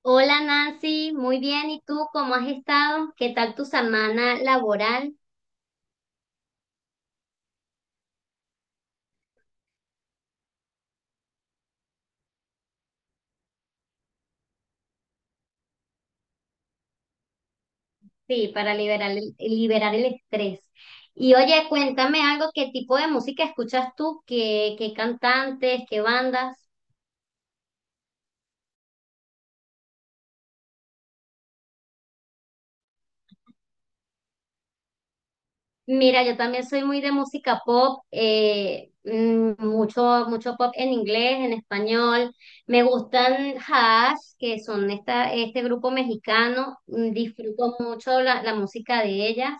Hola Nancy, muy bien. ¿Y tú cómo has estado? ¿Qué tal tu semana laboral? Sí, para liberar el estrés. Y oye, cuéntame algo, ¿qué tipo de música escuchas tú? ¿Qué cantantes? ¿Qué bandas? Mira, yo también soy muy de música pop, mucho pop en inglés, en español. Me gustan Hash, que son este grupo mexicano. Disfruto mucho la música de ellas.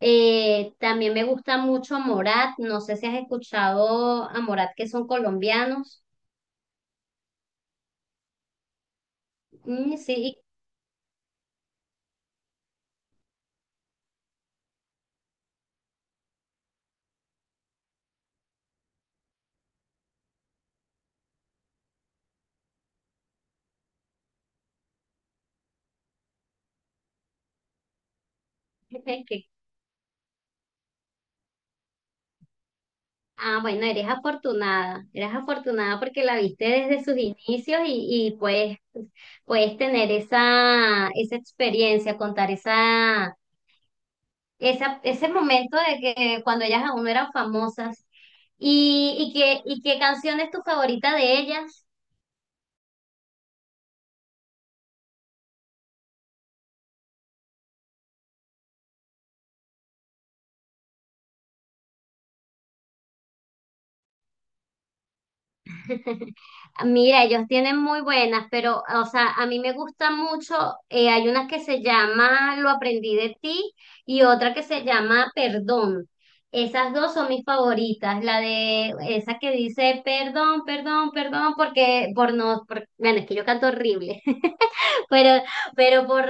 También me gusta mucho Morat, no sé si has escuchado a Morat, que son colombianos. Mm, sí. que- ah, bueno, eres afortunada porque la viste desde sus inicios y, puedes, tener esa, experiencia, contar ese momento de que cuando ellas aún no eran famosas. ¿Y qué canción es tu favorita de ellas? Mira, ellos tienen muy buenas, pero, o sea, a mí me gusta mucho, hay una que se llama Lo aprendí de ti y otra que se llama Perdón. Esas dos son mis favoritas, la de esa que dice perdón, perdón, perdón, porque por no, por- bueno, es que yo canto horrible. Pero, pero por,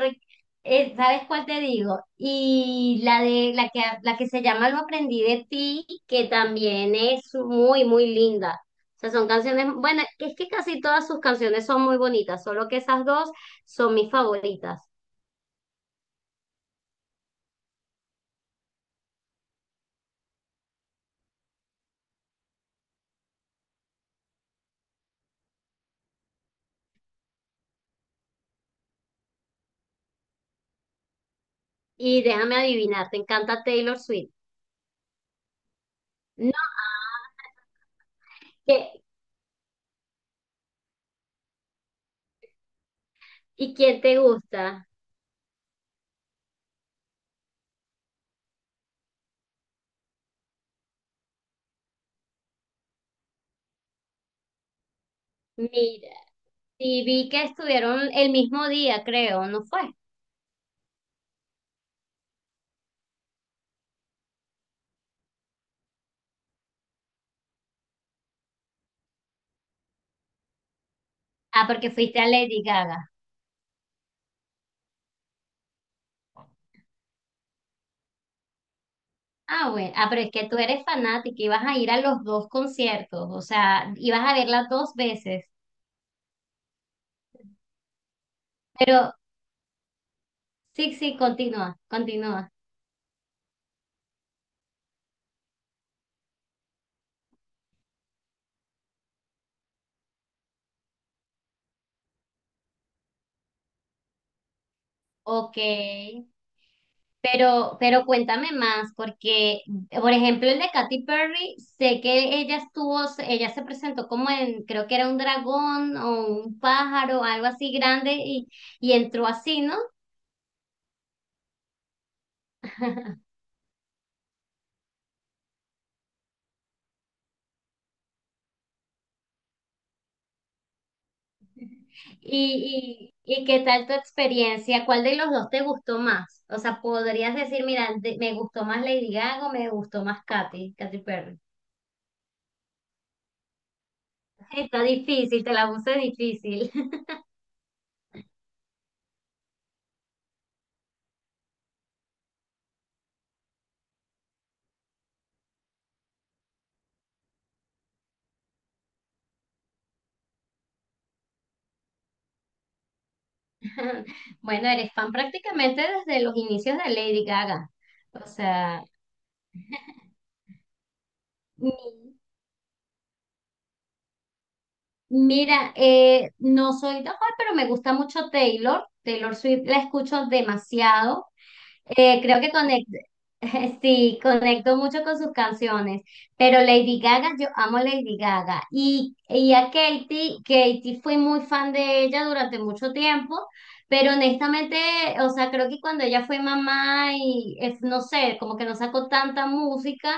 eh, ¿sabes cuál te digo? Y la que se llama Lo aprendí de ti, que también es muy, muy linda. O sea, son canciones, bueno, es que casi todas sus canciones son muy bonitas, solo que esas dos son mis favoritas. Y déjame adivinar, ¿te encanta Taylor Swift? No. ¿qué- ¿Y quién te gusta? Mira, y vi que estuvieron el mismo día, creo, ¿no fue? Ah, porque fuiste a Lady Gaga. Ah, bueno, ah, pero es que tú eres fanática y vas a ir a los dos conciertos, o sea, ibas a verla dos veces. Pero sí, sí, continúa, continúa. Ok, pero cuéntame más, porque, por ejemplo, el de Katy Perry, sé que ella se presentó como en, creo que era un dragón o un pájaro, algo así grande, y, entró así, ¿no? ¿Y qué tal tu experiencia? ¿Cuál de los dos te gustó más? O sea, podrías decir, mira, me gustó más Lady Gaga o me gustó más Katy Perry. Está difícil, te la puse difícil. Bueno, eres fan prácticamente desde los inicios de Lady Gaga. O sea, mi- mira, no soy tan de pero me gusta mucho Taylor. Taylor Swift la escucho demasiado. Creo que conecto, sí, conecto mucho con sus canciones, pero Lady Gaga, yo amo Lady Gaga y, a Katy fui muy fan de ella durante mucho tiempo, pero honestamente, o sea, creo que cuando ella fue mamá y es, no sé, como que no sacó tanta música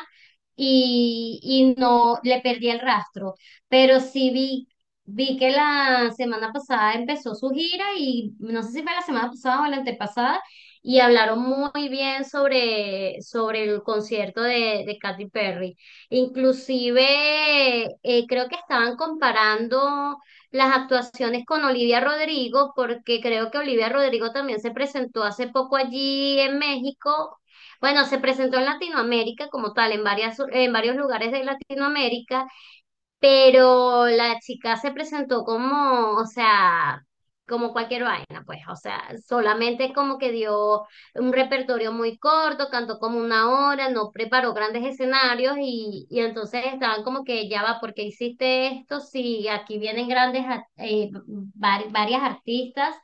y, no le perdí el rastro, pero sí vi... Vi que la semana pasada empezó su gira y no sé si fue la semana pasada o la antepasada y hablaron muy bien sobre, el concierto de Katy Perry. Inclusive creo que estaban comparando las actuaciones con Olivia Rodrigo, porque creo que Olivia Rodrigo también se presentó hace poco allí en México. Bueno, se presentó en Latinoamérica como tal, en varios lugares de Latinoamérica, pero la chica se presentó como, o sea, como cualquier vaina, pues, o sea, solamente como que dio un repertorio muy corto, cantó como una hora, no preparó grandes escenarios y, entonces estaban como que ya va, ¿por qué hiciste esto? Si aquí vienen grandes, varias artistas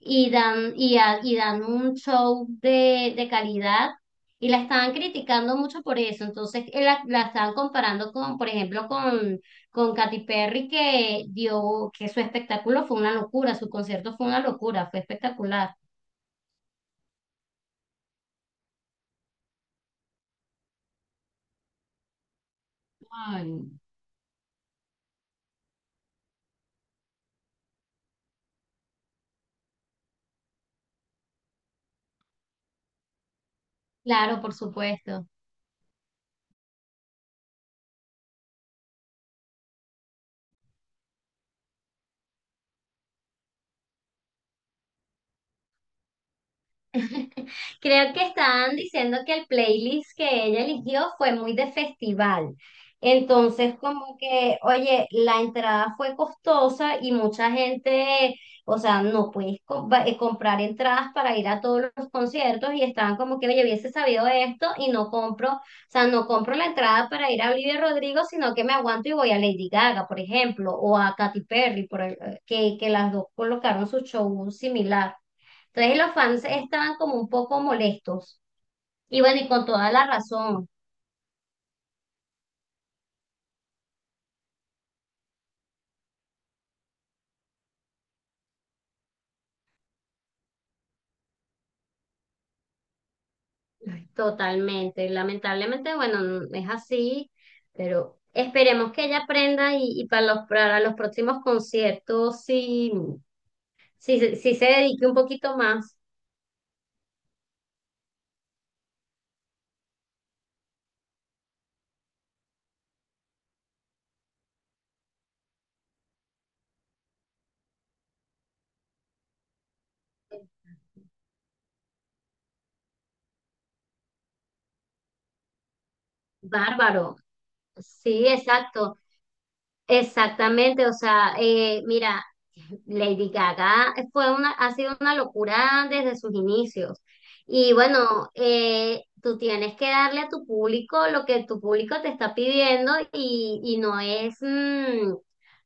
y dan un show de, calidad. Y la estaban criticando mucho por eso. Entonces, la estaban comparando con, por ejemplo, con Katy Perry que su espectáculo fue una locura, su concierto fue una locura, fue espectacular. Ay, claro, por supuesto. Creo que estaban diciendo que el playlist que ella eligió fue muy de festival. Entonces, como que, oye, la entrada fue costosa y mucha gente, o sea, no puedes comprar entradas para ir a todos los conciertos y estaban como que, oye, hubiese sabido esto y no compro, o sea, no compro la entrada para ir a Olivia Rodrigo, sino que me aguanto y voy a Lady Gaga, por ejemplo, o a Katy Perry, que las dos colocaron su show similar. Entonces los fans estaban como un poco molestos. Y bueno, y con toda la razón, totalmente. Lamentablemente, bueno, es así, pero esperemos que ella aprenda y, para los próximos conciertos sí, sí, sí se dedique un poquito más. Bárbaro. Sí, exacto. Exactamente, o sea, mira, Lady Gaga ha sido una locura desde sus inicios. Y bueno, tú tienes que darle a tu público lo que tu público te está pidiendo y, no es,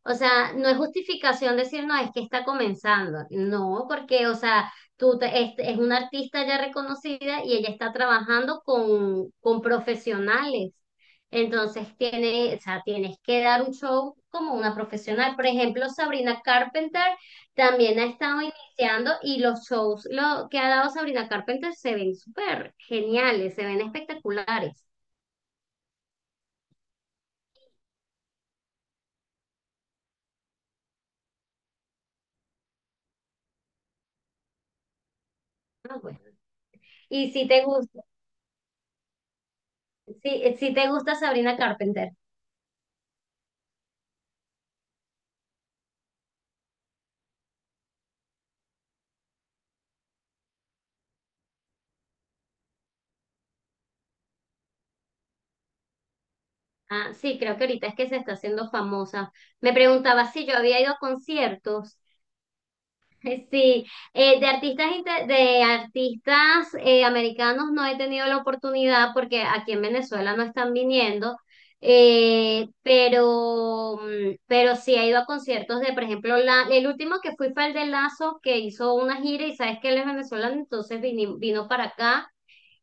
o sea, no es justificación decir, no, es que está comenzando. No, porque, o sea, es una artista ya reconocida y ella está trabajando con, profesionales. Entonces o sea, tienes que dar un show como una profesional. Por ejemplo, Sabrina Carpenter también ha estado iniciando y los shows lo que ha dado Sabrina Carpenter se ven súper geniales, se ven espectaculares. Ah, bueno. Y si te gusta Sabrina Carpenter. Ah, sí, creo que ahorita es que se está haciendo famosa. Me preguntaba si yo había ido a conciertos. Sí, de artistas americanos no he tenido la oportunidad porque aquí en Venezuela no están viniendo, pero sí he ido a conciertos de, por ejemplo, el último que fui fue el de Lazo, que hizo una gira y sabes que él es venezolano, entonces vino para acá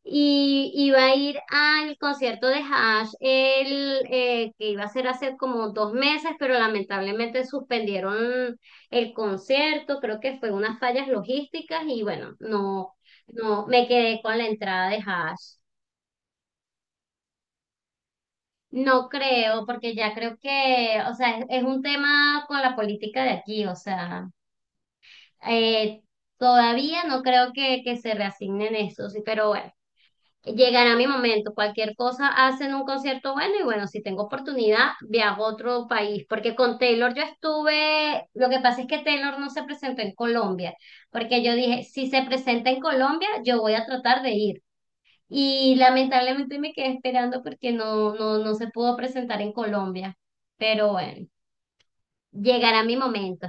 y iba a ir al concierto de Hash, que iba a ser hace como 2 meses, pero lamentablemente suspendieron el concierto, creo que fue unas fallas logísticas y bueno, no, no, me quedé con la entrada de Hash. No creo, porque ya creo que, o sea, es un tema con la política de aquí, o sea, eh, todavía no creo que se reasignen esos, pero bueno. Llegará mi momento, cualquier cosa hacen un concierto bueno y bueno, si tengo oportunidad, viajo a otro país, porque con Taylor yo estuve, lo que pasa es que Taylor no se presentó en Colombia, porque yo dije, si se presenta en Colombia, yo voy a tratar de ir. Y lamentablemente me quedé esperando porque no, no, no se pudo presentar en Colombia, pero bueno, llegará mi momento.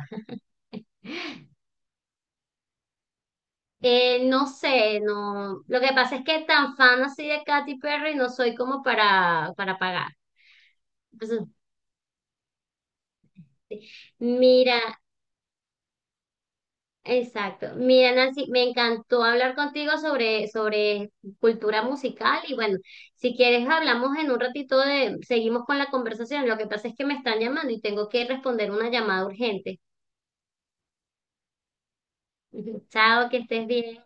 No sé, no, lo que pasa es que tan fan así de Katy Perry no soy como para, pagar. Pues, mira, exacto. Mira, Nancy, me encantó hablar contigo sobre, cultura musical y bueno, si quieres hablamos en un ratito seguimos con la conversación. Lo que pasa es que me están llamando y tengo que responder una llamada urgente. Chao, que estés bien.